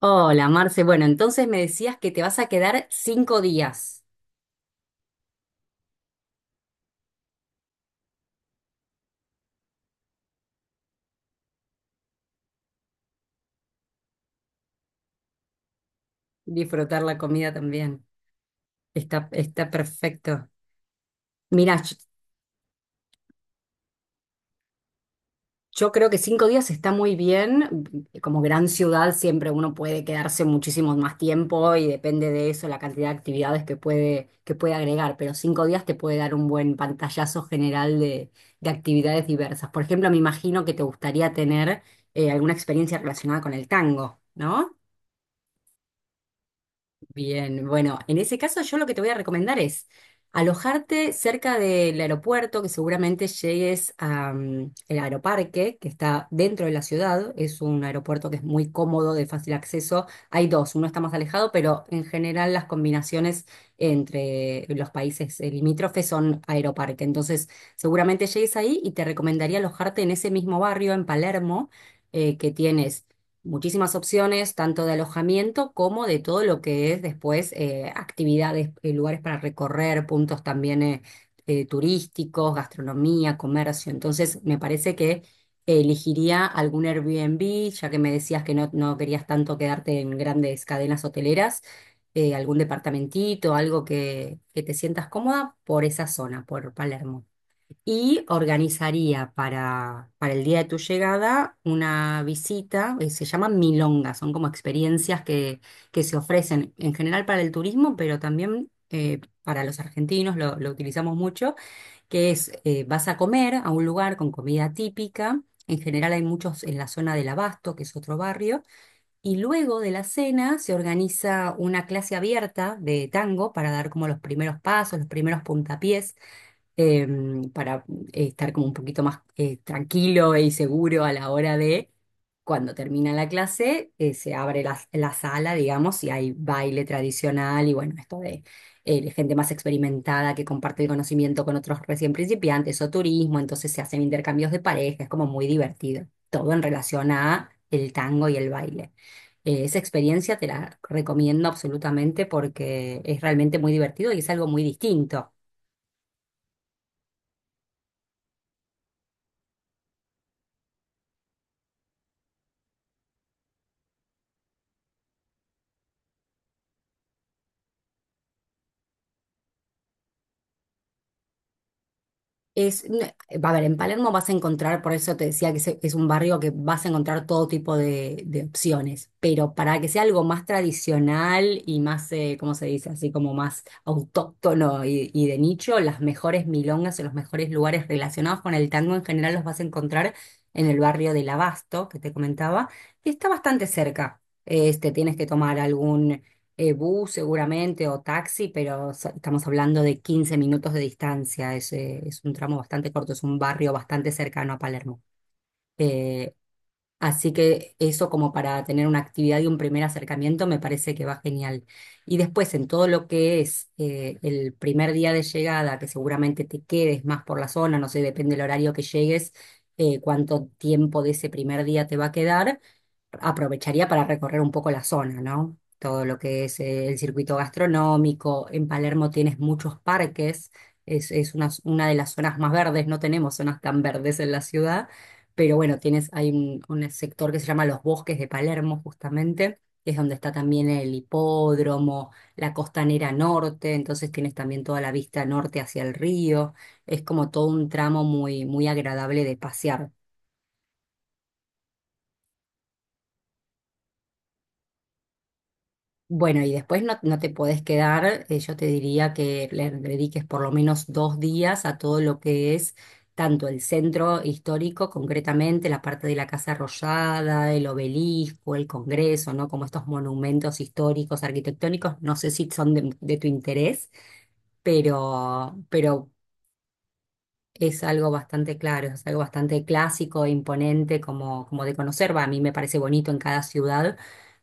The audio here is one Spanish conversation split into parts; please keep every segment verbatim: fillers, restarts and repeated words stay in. Hola, Marce. Bueno, entonces me decías que te vas a quedar cinco días. Disfrutar la comida también. Está, está perfecto. Mira, yo, yo creo que cinco días está muy bien. Como gran ciudad siempre uno puede quedarse muchísimo más tiempo y depende de eso la cantidad de actividades que puede, que puede agregar. Pero cinco días te puede dar un buen pantallazo general de, de actividades diversas. Por ejemplo, me imagino que te gustaría tener eh, alguna experiencia relacionada con el tango, ¿no? Bien, bueno, en ese caso yo lo que te voy a recomendar es alojarte cerca del aeropuerto, que seguramente llegues al aeroparque, que está dentro de la ciudad. Es un aeropuerto que es muy cómodo, de fácil acceso. Hay dos, uno está más alejado, pero en general las combinaciones entre los países eh, limítrofes son aeroparque. Entonces, seguramente llegues ahí y te recomendaría alojarte en ese mismo barrio, en Palermo, eh, que tienes muchísimas opciones, tanto de alojamiento como de todo lo que es después eh, actividades, eh, lugares para recorrer, puntos también eh, eh, turísticos, gastronomía, comercio. Entonces, me parece que elegiría algún Airbnb, ya que me decías que no, no querías tanto quedarte en grandes cadenas hoteleras, eh, algún departamentito, algo que, que te sientas cómoda por esa zona, por Palermo, y organizaría para, para el día de tu llegada una visita. Eh, se llaman milongas, son como experiencias que, que se ofrecen en general para el turismo, pero también eh, para los argentinos lo, lo utilizamos mucho, que es eh, vas a comer a un lugar con comida típica. En general hay muchos en la zona del Abasto, que es otro barrio, y luego de la cena se organiza una clase abierta de tango para dar como los primeros pasos, los primeros puntapiés em, para eh, estar como un poquito más eh, tranquilo y seguro a la hora de cuando termina la clase. Eh, se abre la, la sala, digamos, y hay baile tradicional y bueno, esto de eh, de gente más experimentada que comparte el conocimiento con otros recién principiantes o turismo, entonces se hacen intercambios de pareja, es como muy divertido, todo en relación a el tango y el baile. Eh, esa experiencia te la recomiendo absolutamente porque es realmente muy divertido y es algo muy distinto. Es, n- Va a ver, en Palermo vas a encontrar, por eso te decía que se- es un barrio que vas a encontrar todo tipo de, de opciones, pero para que sea algo más tradicional y más, eh, ¿cómo se dice? Así como más autóctono y, y de nicho, las mejores milongas o los mejores lugares relacionados con el tango en general los vas a encontrar en el barrio del Abasto, que te comentaba, que está bastante cerca. Este, tienes que tomar algún eh, bus seguramente o taxi, pero so- estamos hablando de quince minutos de distancia. Es, eh, es un tramo bastante corto, es un barrio bastante cercano a Palermo. Eh, Así que eso como para tener una actividad y un primer acercamiento me parece que va genial. Y después en todo lo que es eh, el primer día de llegada, que seguramente te quedes más por la zona, no sé, depende del horario que llegues, eh, cuánto tiempo de ese primer día te va a quedar aprovecharía para recorrer un poco la zona, ¿no? Todo lo que es eh, el circuito gastronómico. En Palermo tienes muchos parques, es, es una, una de las zonas más verdes, no tenemos zonas tan verdes en la ciudad, pero bueno, tienes, hay un, un sector que se llama los Bosques de Palermo, justamente, que es donde está también el hipódromo, la costanera norte, entonces tienes también toda la vista norte hacia el río. Es como todo un tramo muy, muy agradable de pasear. Bueno, y después no, no te podés quedar. Eh, yo te diría que le dediques por lo menos dos días a todo lo que es tanto el centro histórico, concretamente la parte de la Casa Rosada, el obelisco, el Congreso, ¿no? Como estos monumentos históricos, arquitectónicos, no sé si son de, de tu interés, pero, pero es algo bastante claro, es algo bastante clásico, e imponente, como, como de conocer, va, a mí me parece bonito en cada ciudad.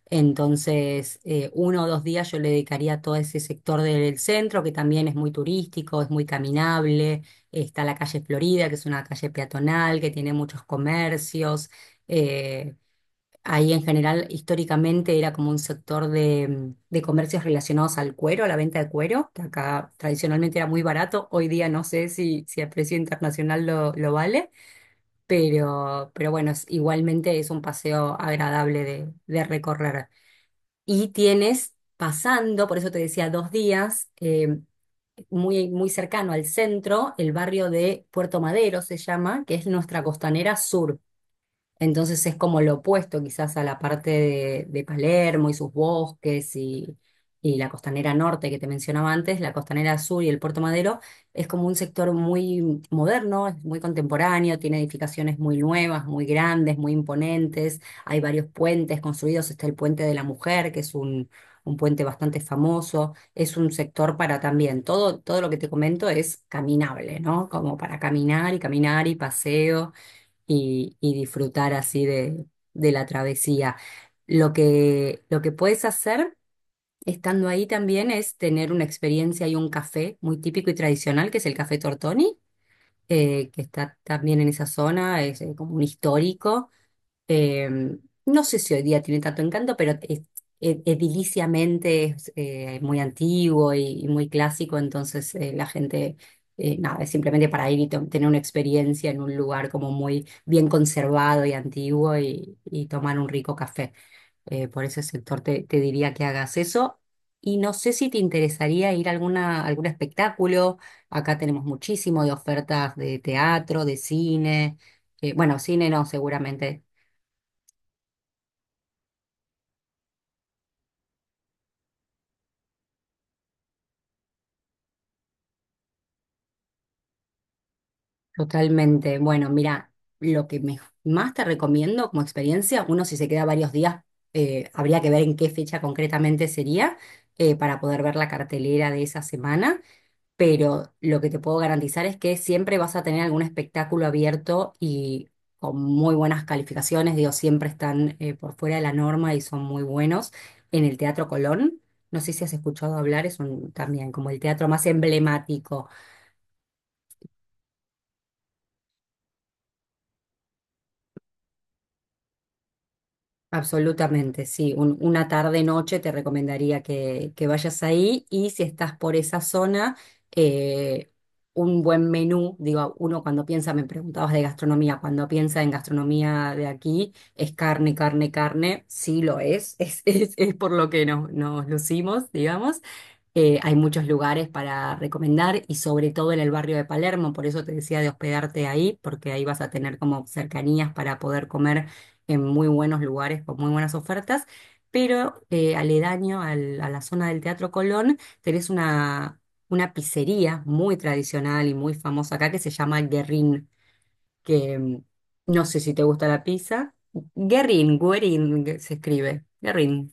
Entonces, eh, uno o dos días yo le dedicaría a todo ese sector del centro, que también es muy turístico, es muy caminable. Está la calle Florida, que es una calle peatonal, que tiene muchos comercios. Eh, Ahí en general, históricamente era como un sector de, mm, de comercios relacionados al cuero, a la venta de cuero, que acá tradicionalmente era muy barato. Hoy día no sé si, si a precio internacional lo, lo vale, pero, pero bueno, es- igualmente es un paseo agradable de, de recorrer. Y tienes pasando, por eso te decía dos días, eh, muy, muy cercano al centro, el barrio de Puerto Madero se llama, que es nuestra costanera sur. Entonces es como lo opuesto quizás a la parte de, de Palermo y sus bosques y, y la costanera norte que te mencionaba antes, la costanera sur y el Puerto Madero, es como un sector muy moderno, es muy contemporáneo, tiene edificaciones muy nuevas, muy grandes, muy imponentes, hay varios puentes construidos, está el Puente de la Mujer, que es un, un puente bastante famoso, es un sector para también, todo, todo lo que te comento es caminable, ¿no? Como para caminar y caminar y paseo y, y disfrutar así de, de la travesía. Lo que, lo que puedes hacer estando ahí también es tener una experiencia y un café muy típico y tradicional, que es el Café Tortoni, eh, que está también en esa zona, es eh, como un histórico. eh, no sé si hoy día tiene tanto encanto, pero es- e- ediliciamente es eh, muy antiguo y, y muy clásico, entonces eh, la gente, eh, nada, es simplemente para ir y to- tener una experiencia en un lugar como muy bien conservado y antiguo y, y tomar un rico café. Eh, por ese sector te, te diría que hagas eso. Y no sé si te interesaría ir a alguna, algún espectáculo. Acá tenemos muchísimo de ofertas de teatro, de cine. Eh, bueno, cine no, seguramente. Totalmente. Bueno, mira, lo que me- más te recomiendo como experiencia, uno si se queda varios días, eh, habría que ver en qué fecha concretamente sería. Eh, para poder ver la cartelera de esa semana, pero lo que te puedo garantizar es que siempre vas a tener algún espectáculo abierto y con muy buenas calificaciones, digo, siempre están eh, por fuera de la norma y son muy buenos en el Teatro Colón. No sé si has escuchado hablar, es un, también como el teatro más emblemático. Absolutamente, sí. Un- una tarde-noche te recomendaría que, que vayas ahí y si estás por esa zona, eh, un buen menú, digo, uno cuando piensa, me preguntabas de gastronomía, cuando piensa en gastronomía de aquí, es carne, carne, carne, sí lo es, es, es, es por lo que nos, nos lucimos, digamos, eh, hay muchos lugares para recomendar y sobre todo en el barrio de Palermo, por eso te decía de hospedarte ahí, porque ahí vas a tener como cercanías para poder comer en muy buenos lugares con muy buenas ofertas. Pero eh, aledaño al- a la zona del Teatro Colón tenés una, una, pizzería muy tradicional y muy famosa acá que se llama Guerrín, que mm, no sé si te gusta la pizza. Guerrín, Guerín se escribe, Guerrín.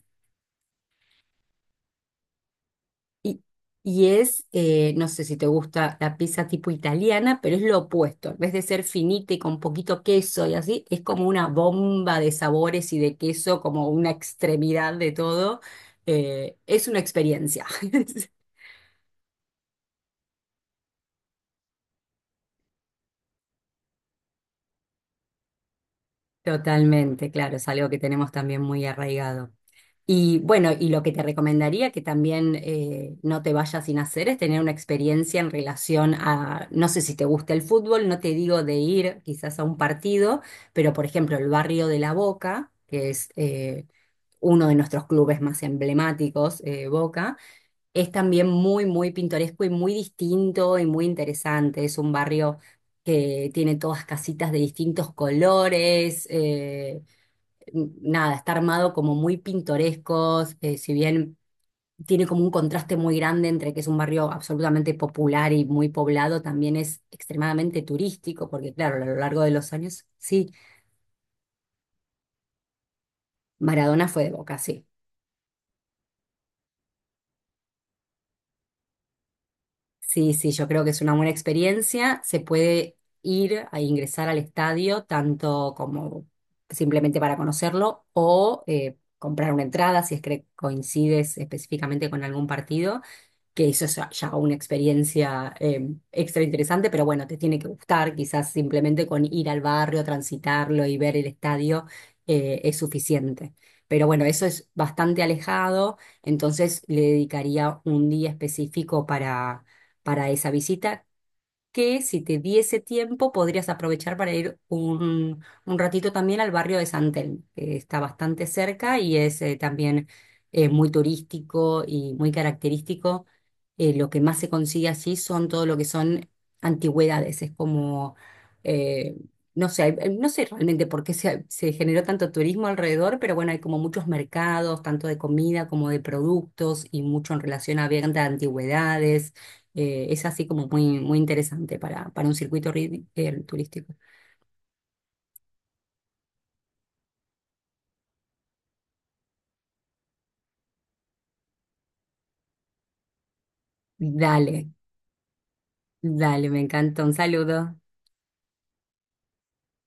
Y, y es, eh, no sé si te gusta la pizza tipo italiana, pero es lo opuesto. En vez de ser finita y con poquito queso y así, es como una bomba de sabores y de queso, como una extremidad de todo. Eh, es una experiencia. Totalmente, claro, es algo que tenemos también muy arraigado. Y bueno, y lo que te recomendaría que también eh, no te vayas sin hacer es tener una experiencia en relación a, no sé si te gusta el fútbol, no te digo de ir quizás a un partido, pero por ejemplo el barrio de La Boca, que es eh, uno de nuestros clubes más emblemáticos, eh, Boca, es también muy, muy pintoresco y muy distinto y muy interesante. Es un barrio que tiene todas casitas de distintos colores. Eh, nada, está armado como muy pintorescos, eh, si bien tiene como un contraste muy grande entre que es un barrio absolutamente popular y muy poblado, también es extremadamente turístico, porque claro, a lo largo de los años, sí, Maradona fue de Boca, sí. Sí, sí, yo creo que es una buena experiencia, se puede ir a ingresar al estadio, tanto como simplemente para conocerlo o eh, comprar una entrada si es que coincides específicamente con algún partido que eso es ya una experiencia eh, extra interesante, pero bueno, te tiene que gustar, quizás simplemente con ir al barrio, transitarlo y ver el estadio eh, es suficiente. Pero bueno, eso es bastante alejado, entonces le dedicaría un día específico para, para esa visita que si te diese tiempo podrías aprovechar para ir un, un, ratito también al barrio de San Telmo, que está bastante cerca y es eh, también eh, muy turístico y muy característico. Eh, lo que más se consigue allí son todo lo que son antigüedades, es como, eh, no sé, hay- no sé realmente por qué se, se generó tanto turismo alrededor, pero bueno, hay como muchos mercados, tanto de comida como de productos y mucho en relación a venta de antigüedades. Eh, es así como muy, muy interesante para, para un circuito ri- eh, turístico. Dale, dale, me encanta. Un saludo.